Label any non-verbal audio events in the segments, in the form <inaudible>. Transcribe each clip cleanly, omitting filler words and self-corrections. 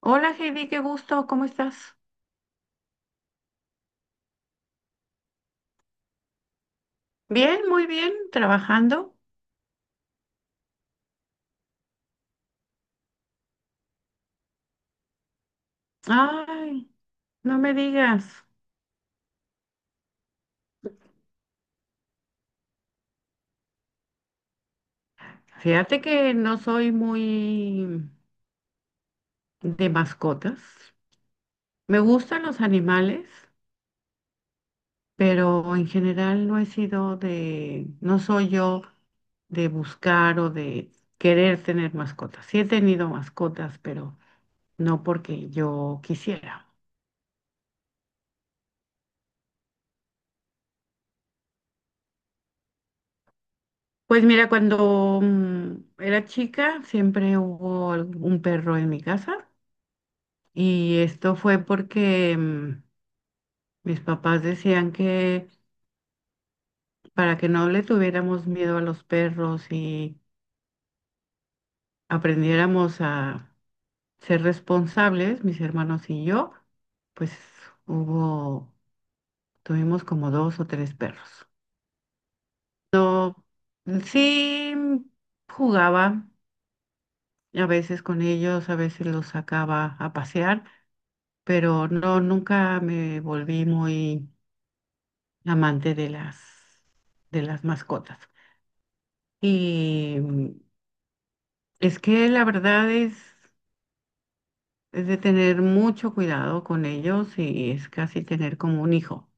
Hola Heidi, qué gusto, ¿cómo estás? Bien, muy bien, trabajando. Ay, no me digas. Fíjate que no soy muy de mascotas. Me gustan los animales, pero en general no he sido de, no soy yo de buscar o de querer tener mascotas. Sí he tenido mascotas, pero no porque yo quisiera. Pues mira, cuando era chica siempre hubo un perro en mi casa. Y esto fue porque mis papás decían que para que no le tuviéramos miedo a los perros y aprendiéramos a ser responsables, mis hermanos y yo, pues hubo, tuvimos como dos o tres perros. No, sí jugaba a veces con ellos, a veces los sacaba a pasear, pero no, nunca me volví muy amante de las mascotas. Y es que la verdad es de tener mucho cuidado con ellos y es casi tener como un hijo,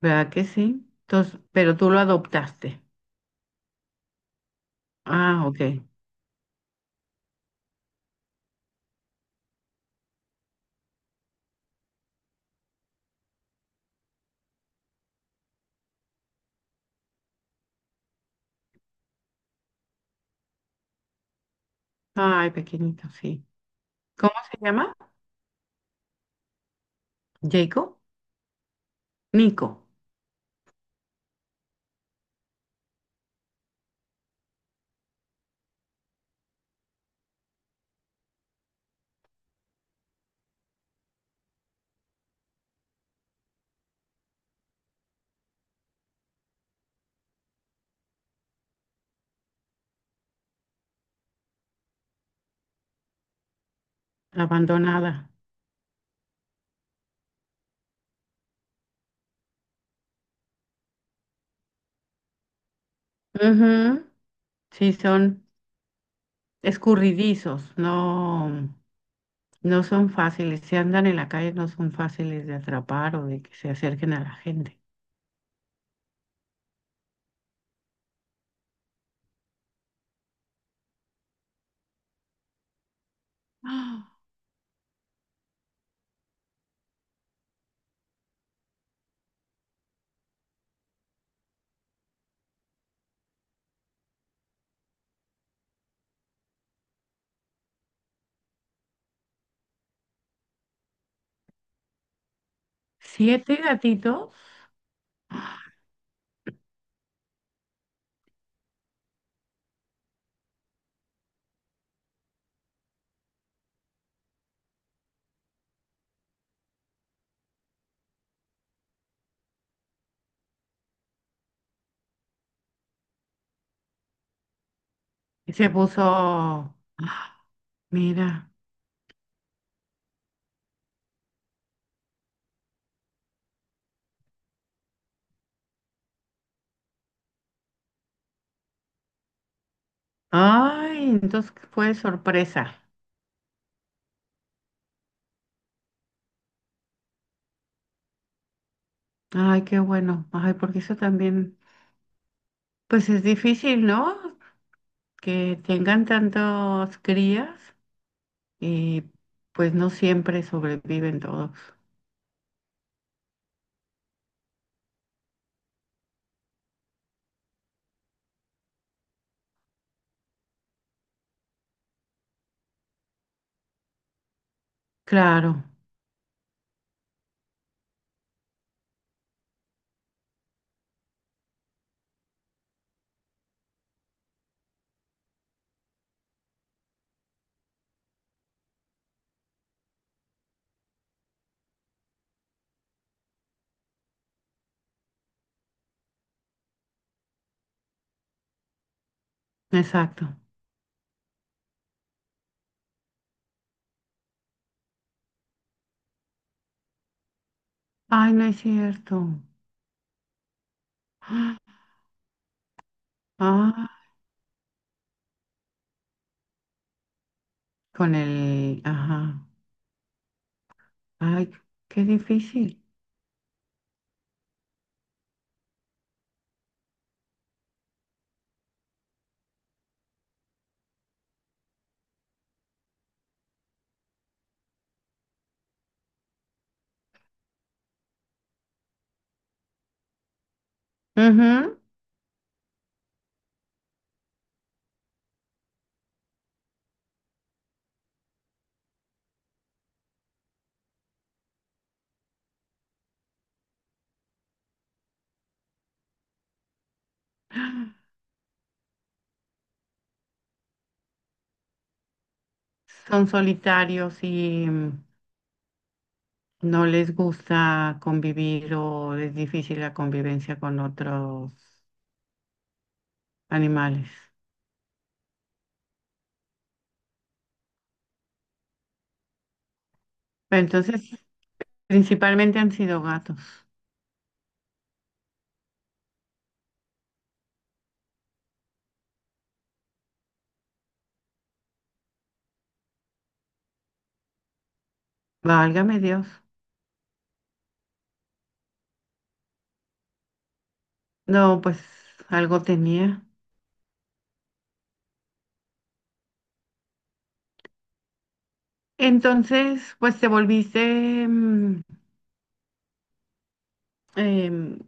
¿verdad que sí? Entonces, pero tú lo adoptaste. Ah, ok. Ay, pequeñito, sí. ¿Cómo se llama? Jacob. Nico. Abandonada. Ujú. Sí, son escurridizos, no, no son fáciles. Si andan en la calle no son fáciles de atrapar o de que se acerquen a la gente. <gasps> ¡Ah! ¿Siete gatitos? Y se puso, ah, mira, ay, entonces fue sorpresa. Ay, qué bueno. Ay, porque eso también, pues es difícil, ¿no? Que tengan tantos crías y pues no siempre sobreviven todos. Claro, exacto. Ay, no es cierto. Ah, ah, con el, ajá. Ay, qué difícil. Ujú. Son solitarios y no les gusta convivir o es difícil la convivencia con otros animales. Entonces, principalmente han sido gatos. Válgame Dios. No, pues algo tenía. Entonces, pues te volviste, em,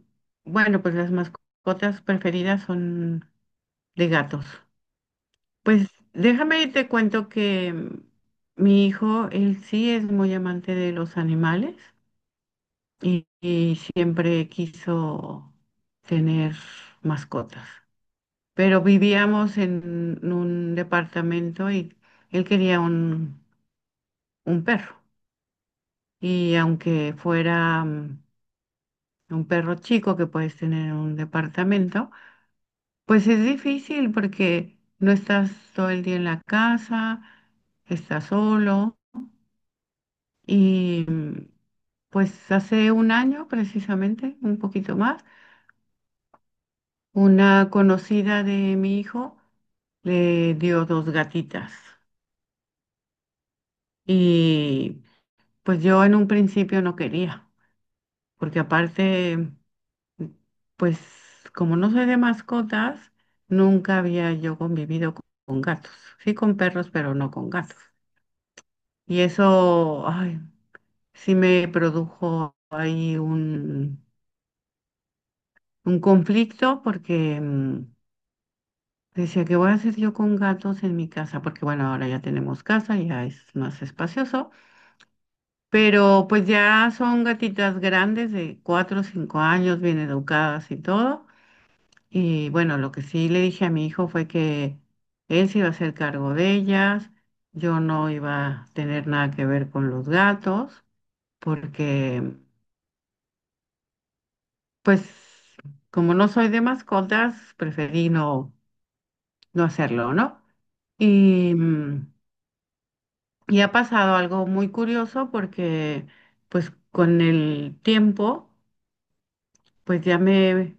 bueno, pues las mascotas preferidas son de gatos. Pues déjame y te cuento que mi hijo, él sí es muy amante de los animales. Y, y siempre quiso tener mascotas. Pero vivíamos en un departamento y él quería un perro. Y aunque fuera un perro chico que puedes tener en un departamento, pues es difícil porque no estás todo el día en la casa, estás solo y pues hace un año precisamente, un poquito más. Una conocida de mi hijo le dio dos gatitas y pues yo en un principio no quería, porque aparte, pues como no soy de mascotas, nunca había yo convivido con gatos, sí con perros, pero no con gatos. Y eso, ay, sí me produjo ahí un conflicto porque... mm, decía, ¿qué voy a hacer yo con gatos en mi casa? Porque bueno, ahora ya tenemos casa, ya es más espacioso, pero pues ya son gatitas grandes de 4 o 5 años, bien educadas y todo. Y bueno, lo que sí le dije a mi hijo fue que él se iba a hacer cargo de ellas, yo no iba a tener nada que ver con los gatos, porque pues como no soy de mascotas, preferí no, no hacerlo, ¿no? Y... mm, Y ha pasado algo muy curioso porque pues con el tiempo pues ya me,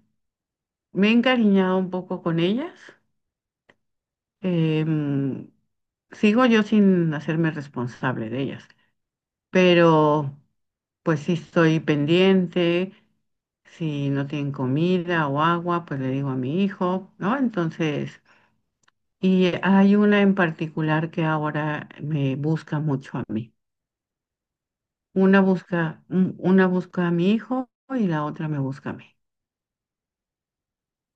me he encariñado un poco con ellas. Em, Sigo yo sin hacerme responsable de ellas, pero pues sí estoy pendiente, si no tienen comida o agua, pues le digo a mi hijo, ¿no? Entonces, y hay una en particular que ahora me busca mucho a mí. Una busca, una busca a mi hijo y la otra me busca a mí.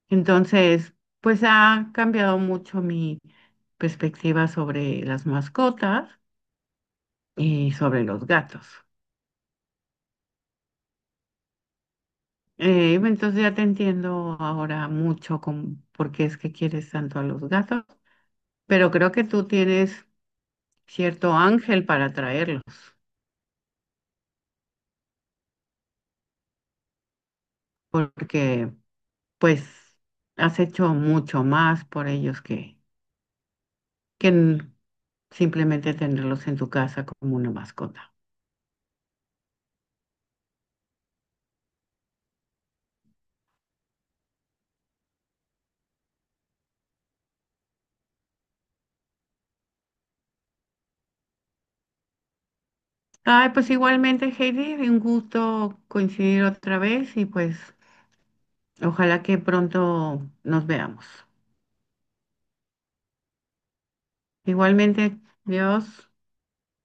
Entonces, pues ha cambiado mucho mi perspectiva sobre las mascotas y sobre los gatos. Entonces ya te entiendo ahora mucho con por qué es que quieres tanto a los gatos, pero creo que tú tienes cierto ángel para traerlos, porque pues has hecho mucho más por ellos que que n- simplemente tenerlos en tu casa como una mascota. Ay, pues igualmente, Heidi, un gusto coincidir otra vez y pues ojalá que pronto nos veamos. Igualmente, Dios.